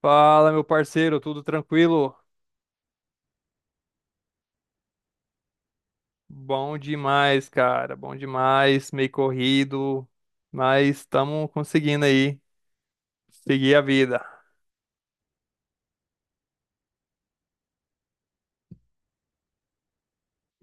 Fala, meu parceiro, tudo tranquilo? Bom demais, cara, bom demais, meio corrido, mas estamos conseguindo aí seguir a vida.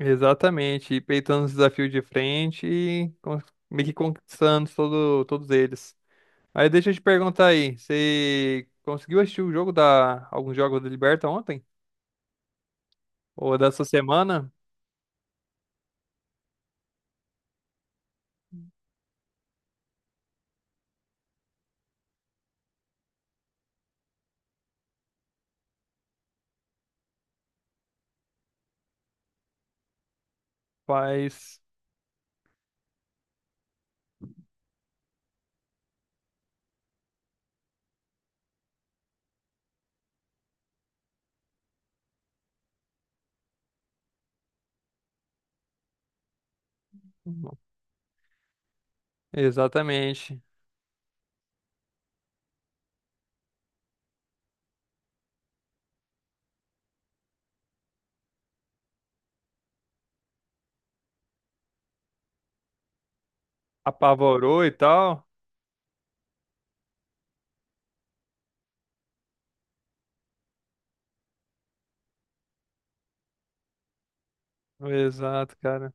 Exatamente, e peitando os desafios de frente e meio que conquistando todos eles. Aí deixa eu te perguntar aí, você conseguiu assistir alguns jogos da Liberta ontem? Ou dessa semana? Faz. Exatamente. Apavorou e tal? Exato, cara.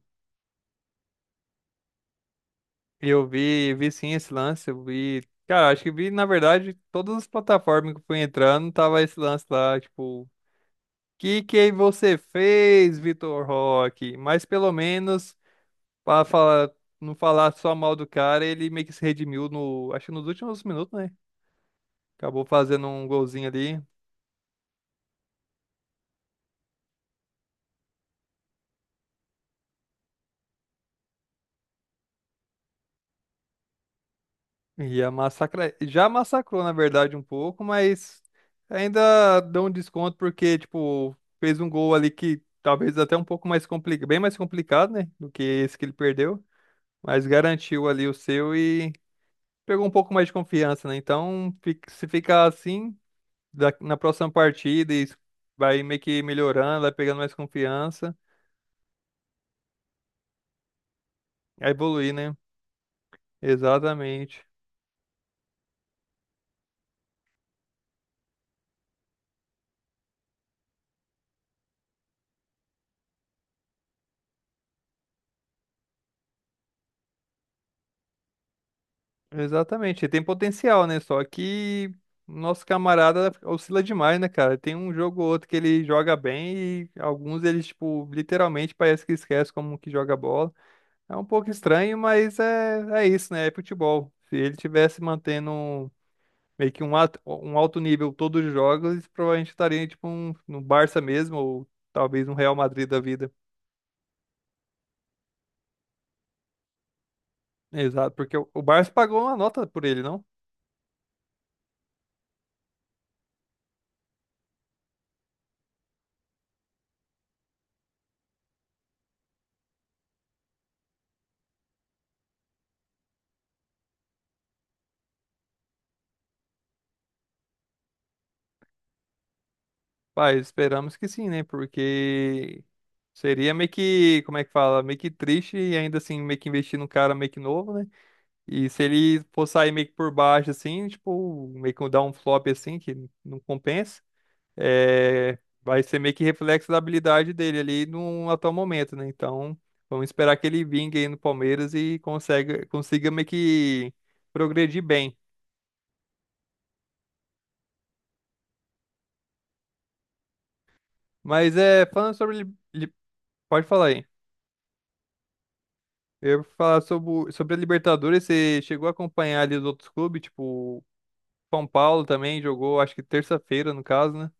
Eu vi sim esse lance, eu vi. Cara, acho que vi, na verdade, todas as plataformas que eu fui entrando, tava esse lance lá, tipo, que você fez, Vitor Roque? Mas pelo menos, pra falar, não falar só mal do cara, ele meio que se redimiu no, acho que nos últimos minutos, né? Acabou fazendo um golzinho ali. Ia massacrar. Já massacrou, na verdade, um pouco, mas ainda deu um desconto porque, tipo, fez um gol ali que talvez até um pouco mais complicado, bem mais complicado, né? Do que esse que ele perdeu. Mas garantiu ali o seu e pegou um pouco mais de confiança, né? Então, se ficar assim, na próxima partida, e vai meio que melhorando, vai pegando mais confiança, vai evoluir, né? Exatamente. Exatamente, ele tem potencial, né? Só que nosso camarada oscila demais, né, cara? Tem um jogo ou outro que ele joga bem e alguns eles, tipo, literalmente parece que esquece como que joga bola. É um pouco estranho, mas é isso, né? É futebol. Se ele tivesse mantendo meio que um alto nível todos os jogos, ele provavelmente estaria, tipo, um, no Barça mesmo, ou talvez no Real Madrid da vida. Exato, porque o Barça pagou uma nota por ele, não? Pai, esperamos que sim, né? Porque seria meio que, como é que fala? Meio que triste e ainda assim meio que investir num cara meio que novo, né? E se ele for sair meio que por baixo, assim, tipo, meio que dar um flop assim, que não compensa, vai ser meio que reflexo da habilidade dele ali no atual momento, né? Então, vamos esperar que ele vingue aí no Palmeiras e consiga meio que progredir bem. Mas é, falando sobre. Pode falar aí. Eu ia falar sobre a Libertadores, você chegou a acompanhar ali os outros clubes, tipo, São Paulo também jogou, acho que terça-feira, no caso, né?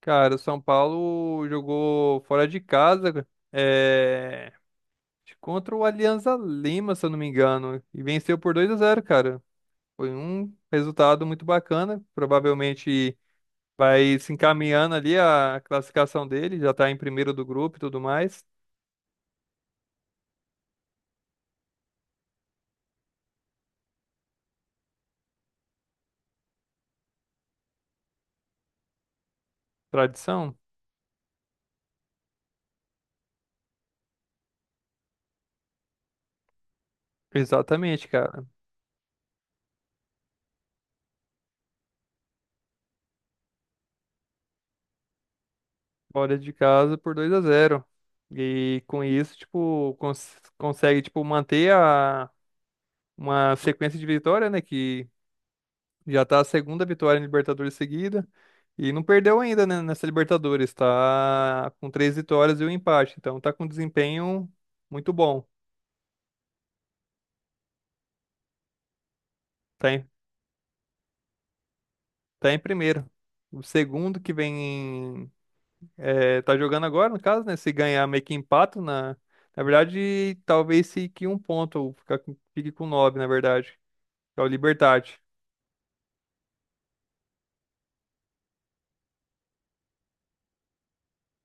Cara, o São Paulo jogou fora de casa, cara, é, contra o Alianza Lima, se eu não me engano, e venceu por 2-0, cara. Foi um resultado muito bacana, provavelmente vai se encaminhando ali a classificação dele, já tá em primeiro do grupo e tudo mais. Tradição? Exatamente, cara. Fora de casa por 2-0. E com isso, tipo, consegue tipo manter a uma sequência de vitória, né, que já tá a segunda vitória em Libertadores seguida e não perdeu ainda, né, nessa Libertadores, tá com 3 vitórias e um empate, então tá com um desempenho muito bom. Tá em, tá em primeiro. O segundo que vem é, tá jogando agora, no caso, né, se ganhar meio que empata na verdade, talvez fique um ponto, ou fique com 9, na verdade. Que é o Libertad.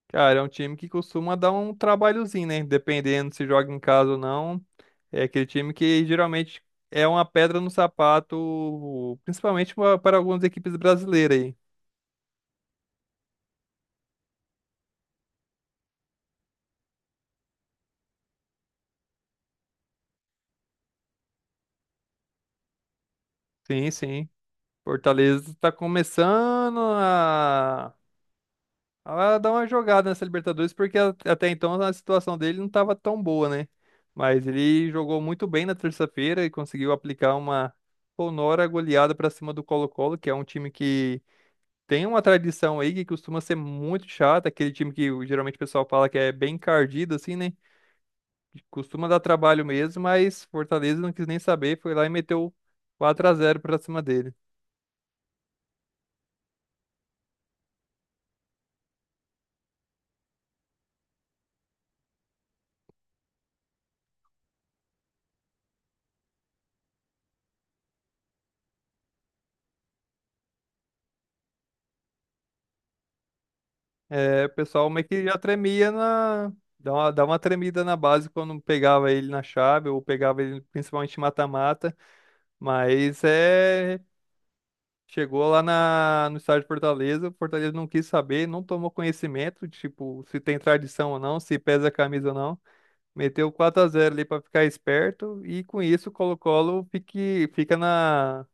Cara, é um time que costuma dar um trabalhozinho, né? Dependendo se joga em casa ou não. É aquele time que geralmente é uma pedra no sapato, principalmente para algumas equipes brasileiras aí. Sim, sim. Fortaleza está começando a dar uma jogada nessa Libertadores, porque até então a situação dele não estava tão boa, né? Mas ele jogou muito bem na terça-feira e conseguiu aplicar uma sonora goleada para cima do Colo-Colo, que é um time que tem uma tradição aí que costuma ser muito chata, aquele time que geralmente o pessoal fala que é bem encardido, assim, né? Que costuma dar trabalho mesmo, mas Fortaleza não quis nem saber, foi lá e meteu 4-0 pra cima dele. É, o pessoal meio que já tremia na. Dá uma tremida na base quando pegava ele na chave, ou pegava ele principalmente em mata-mata, mas é. Chegou lá no estádio de Fortaleza, o Fortaleza não quis saber, não tomou conhecimento, tipo, se tem tradição ou não, se pesa a camisa ou não. Meteu 4-0 ali para ficar esperto e com isso o Colo-Colo fica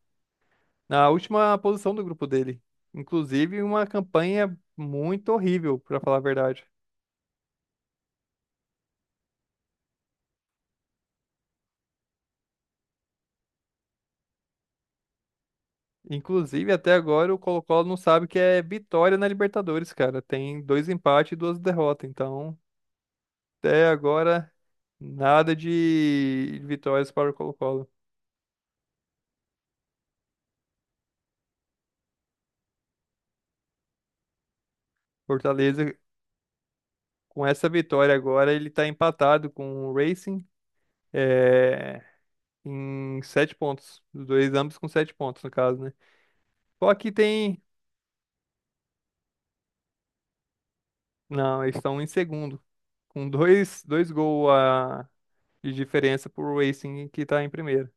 na última posição do grupo dele. Inclusive, uma campanha muito horrível, para falar a verdade. Inclusive, até agora o Colo-Colo não sabe o que é vitória na Libertadores, cara. Tem dois empates e duas derrotas. Então, até agora, nada de vitórias para o Colo-Colo. Fortaleza, com essa vitória agora, ele tá empatado com o Racing. É, em 7 pontos. Os dois ambos com 7 pontos, no caso, né? Só que tem. Não, eles estão em segundo. Com dois gols a... de diferença pro Racing, que tá em primeiro.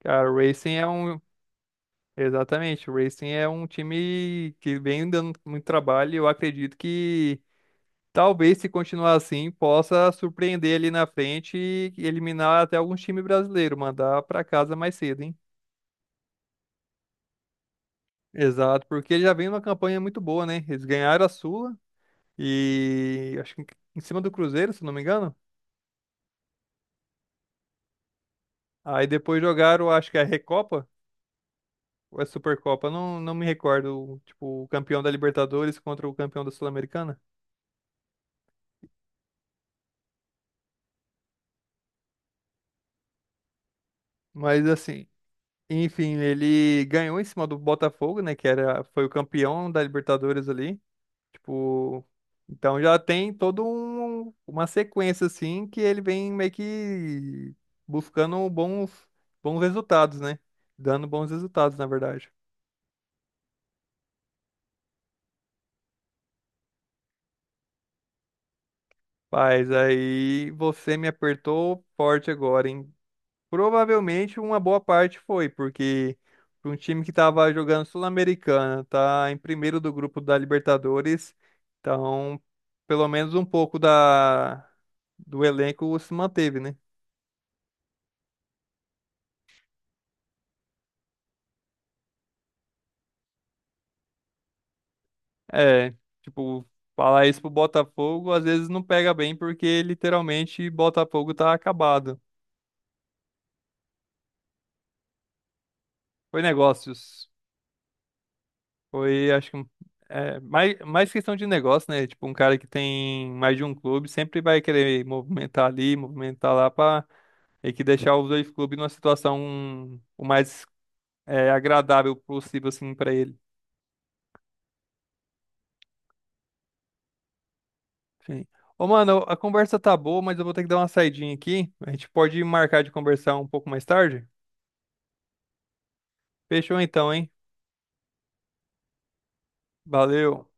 Cara, o Racing é um. Exatamente, o Racing é um time que vem dando muito trabalho. E eu acredito que talvez, se continuar assim, possa surpreender ali na frente e eliminar até alguns times brasileiros, mandar pra casa mais cedo, hein? Exato, porque ele já vem numa campanha muito boa, né? Eles ganharam a Sula. E acho que em cima do Cruzeiro, se não me engano. Aí depois jogaram, acho que é a Recopa ou é Supercopa, não, não me recordo. Tipo, o campeão da Libertadores contra o campeão da Sul-Americana. Mas assim, enfim, ele ganhou em cima do Botafogo, né? Que foi o campeão da Libertadores ali. Tipo, então já tem todo uma sequência assim que ele vem meio que buscando bons resultados, né? Dando bons resultados, na verdade. Mas aí você me apertou forte agora, hein? Provavelmente uma boa parte foi, porque para um time que estava jogando Sul-Americana, tá em primeiro do grupo da Libertadores, então pelo menos um pouco do elenco se manteve, né? É, tipo, falar isso pro Botafogo às vezes não pega bem porque literalmente Botafogo tá acabado. Foi negócios. Foi, acho que é, mais questão de negócio, né? Tipo, um cara que tem mais de um clube sempre vai querer movimentar ali, movimentar lá pra meio que deixar os dois clubes numa situação o mais é, agradável possível, assim, pra ele. Sim. Ô, mano, a conversa tá boa, mas eu vou ter que dar uma saidinha aqui. A gente pode marcar de conversar um pouco mais tarde? Fechou então, hein? Valeu.